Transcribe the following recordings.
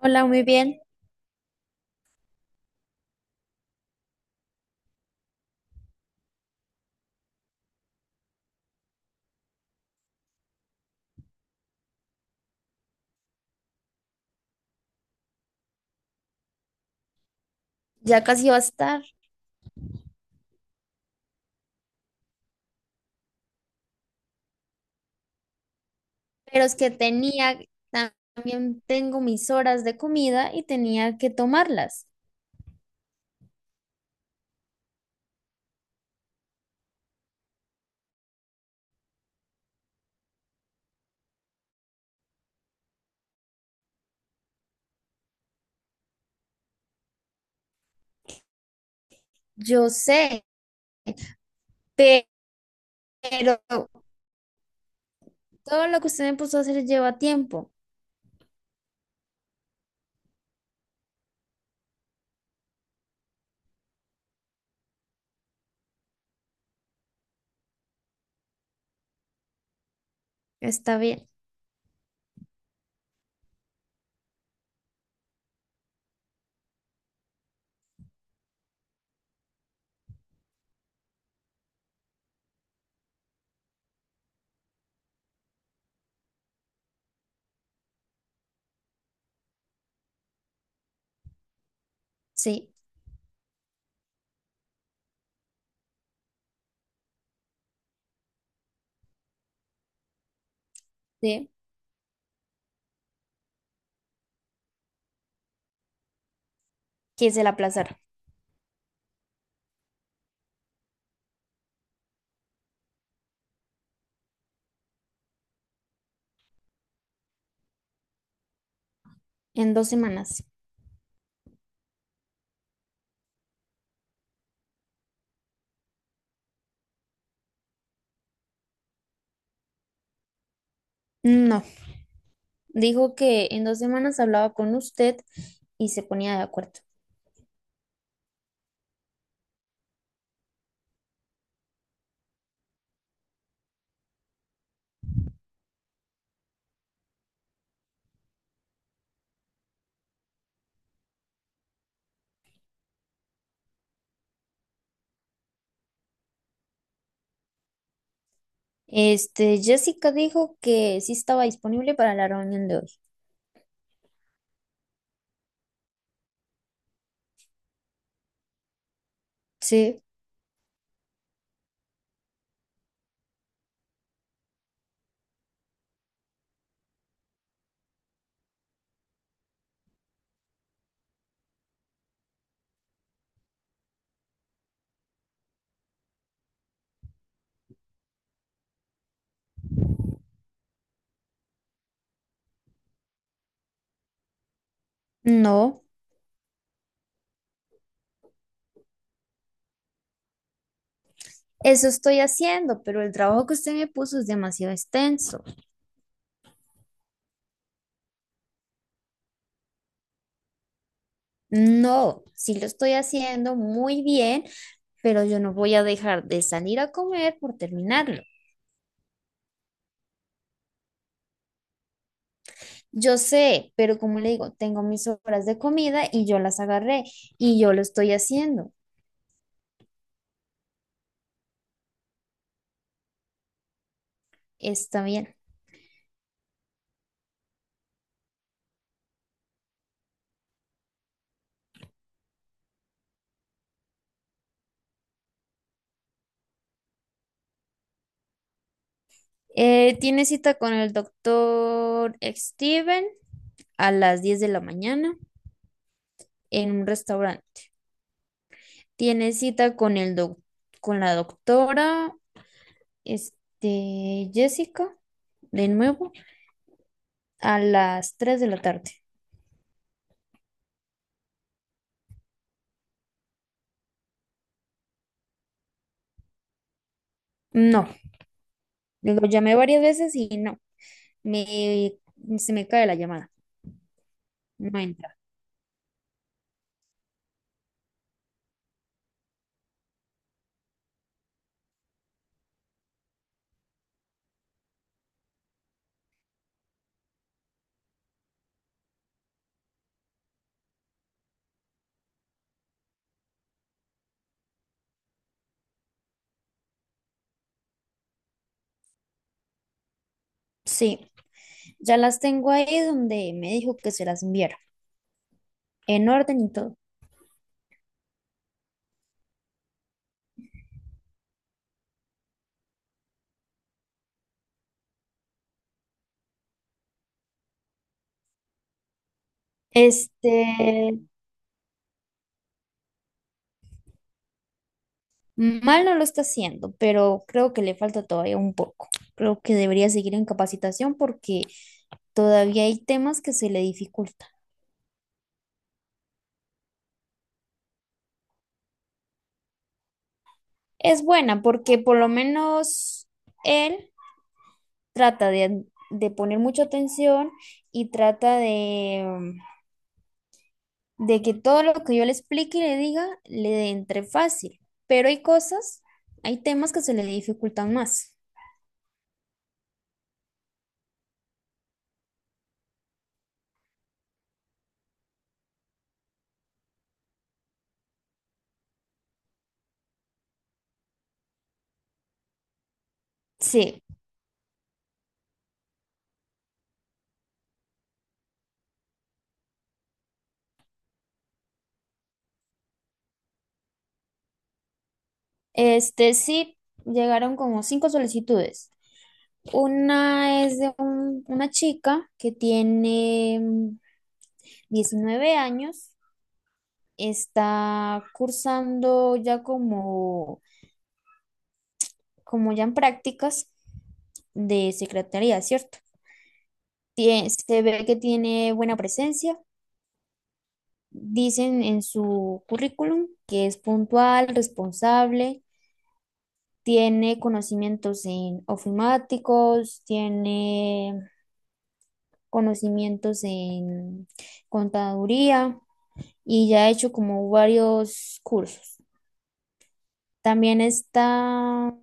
Hola, muy bien. Ya casi va a estar, pero es que tenía, también tengo mis horas de comida y tenía que tomarlas. Yo sé, pe- pero todo lo que usted me puso a hacer lleva tiempo. Está bien. Sí, sí, quise la aplazar en 2 semanas. No, dijo que en 2 semanas hablaba con usted y se ponía de acuerdo. Jessica dijo que sí estaba disponible para la reunión de hoy. Sí. No. Eso estoy haciendo, pero el trabajo que usted me puso es demasiado extenso. No, sí lo estoy haciendo muy bien, pero yo no voy a dejar de salir a comer por terminarlo. Yo sé, pero como le digo, tengo mis horas de comida y yo las agarré y yo lo estoy haciendo. Está bien. Tiene cita con el doctor Steven a las 10 de la mañana en un restaurante. Tiene cita con el con la doctora. Jessica, de nuevo, a las 3 de la tarde. No, lo llamé varias veces y no, me, se me cae la llamada. No entra. Sí, ya las tengo ahí donde me dijo que se las enviara, en orden y todo. Este, Mal no lo está haciendo, pero creo que le falta todavía un poco. Creo que debería seguir en capacitación porque todavía hay temas que se le dificultan. Es buena porque por lo menos él trata de poner mucha atención y trata de que todo lo que yo le explique y le diga le entre fácil. Pero hay cosas, hay temas que se le dificultan más. Sí, sí llegaron como cinco solicitudes. Una es de una chica que tiene 19 años, está cursando ya como ya en prácticas de secretaría, ¿cierto? Se ve que tiene buena presencia. Dicen en su currículum que es puntual, responsable, tiene conocimientos en ofimáticos, tiene conocimientos en contaduría y ya ha hecho como varios cursos. También está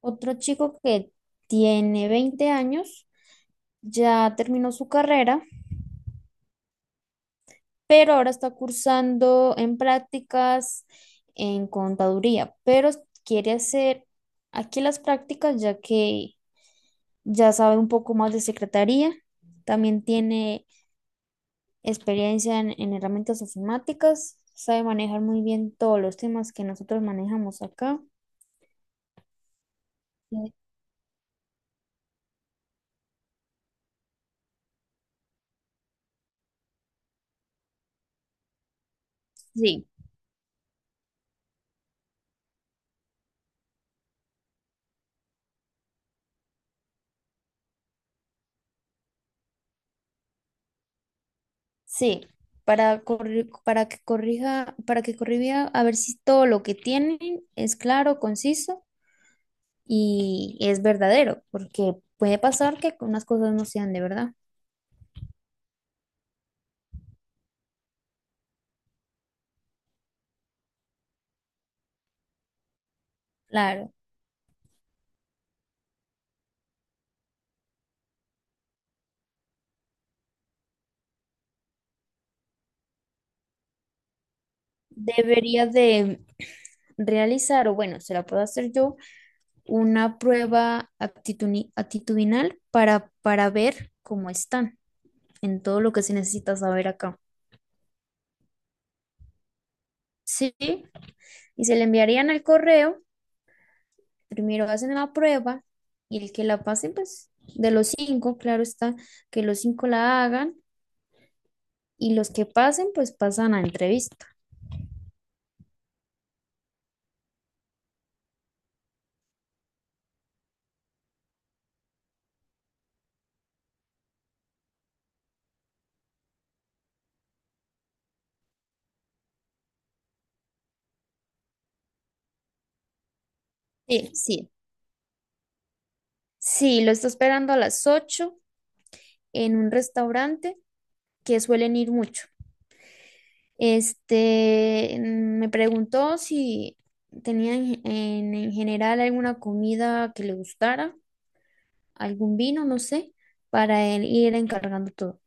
otro chico que tiene 20 años, ya terminó su carrera pero ahora está cursando en prácticas en contaduría, pero quiere hacer aquí las prácticas ya que ya sabe un poco más de secretaría, también tiene experiencia en herramientas informáticas, sabe manejar muy bien todos los temas que nosotros manejamos acá. Sí. Sí, para que corrija a ver si todo lo que tienen es claro, conciso y es verdadero, porque puede pasar que unas cosas no sean de verdad. Claro, debería de realizar, o bueno, se la puedo hacer yo, una prueba actitudinal para ver cómo están en todo lo que se necesita saber acá. Sí, y se le enviarían al correo, primero hacen la prueba y el que la pase, pues de los cinco, claro está, que los cinco la hagan y los que pasen, pues pasan a entrevista. Sí, sí. Sí, lo está esperando a las 8 en un restaurante que suelen ir mucho. Me preguntó si tenía en general alguna comida que le gustara, algún vino, no sé, para él ir encargando todo.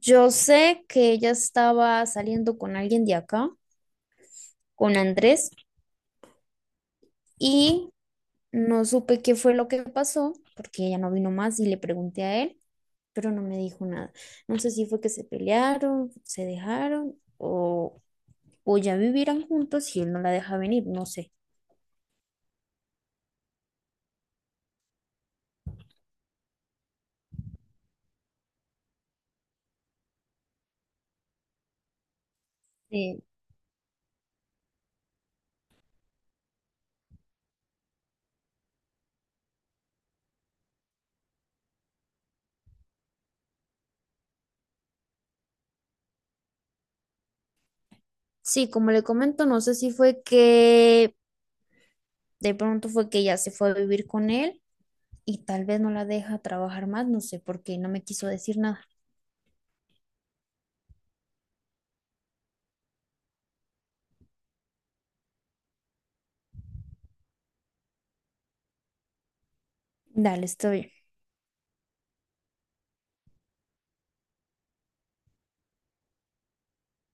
Yo sé que ella estaba saliendo con alguien de acá, con Andrés, y no supe qué fue lo que pasó, porque ella no vino más y le pregunté a él, pero no me dijo nada. No sé si fue que se pelearon, se dejaron o ya vivirán juntos y él no la deja venir, no sé. Eh, sí, como le comento, no sé si fue que de pronto fue que ella se fue a vivir con él y tal vez no la deja trabajar más, no sé, porque no me quiso decir nada. Dale, estoy.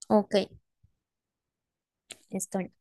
Ok, estoy.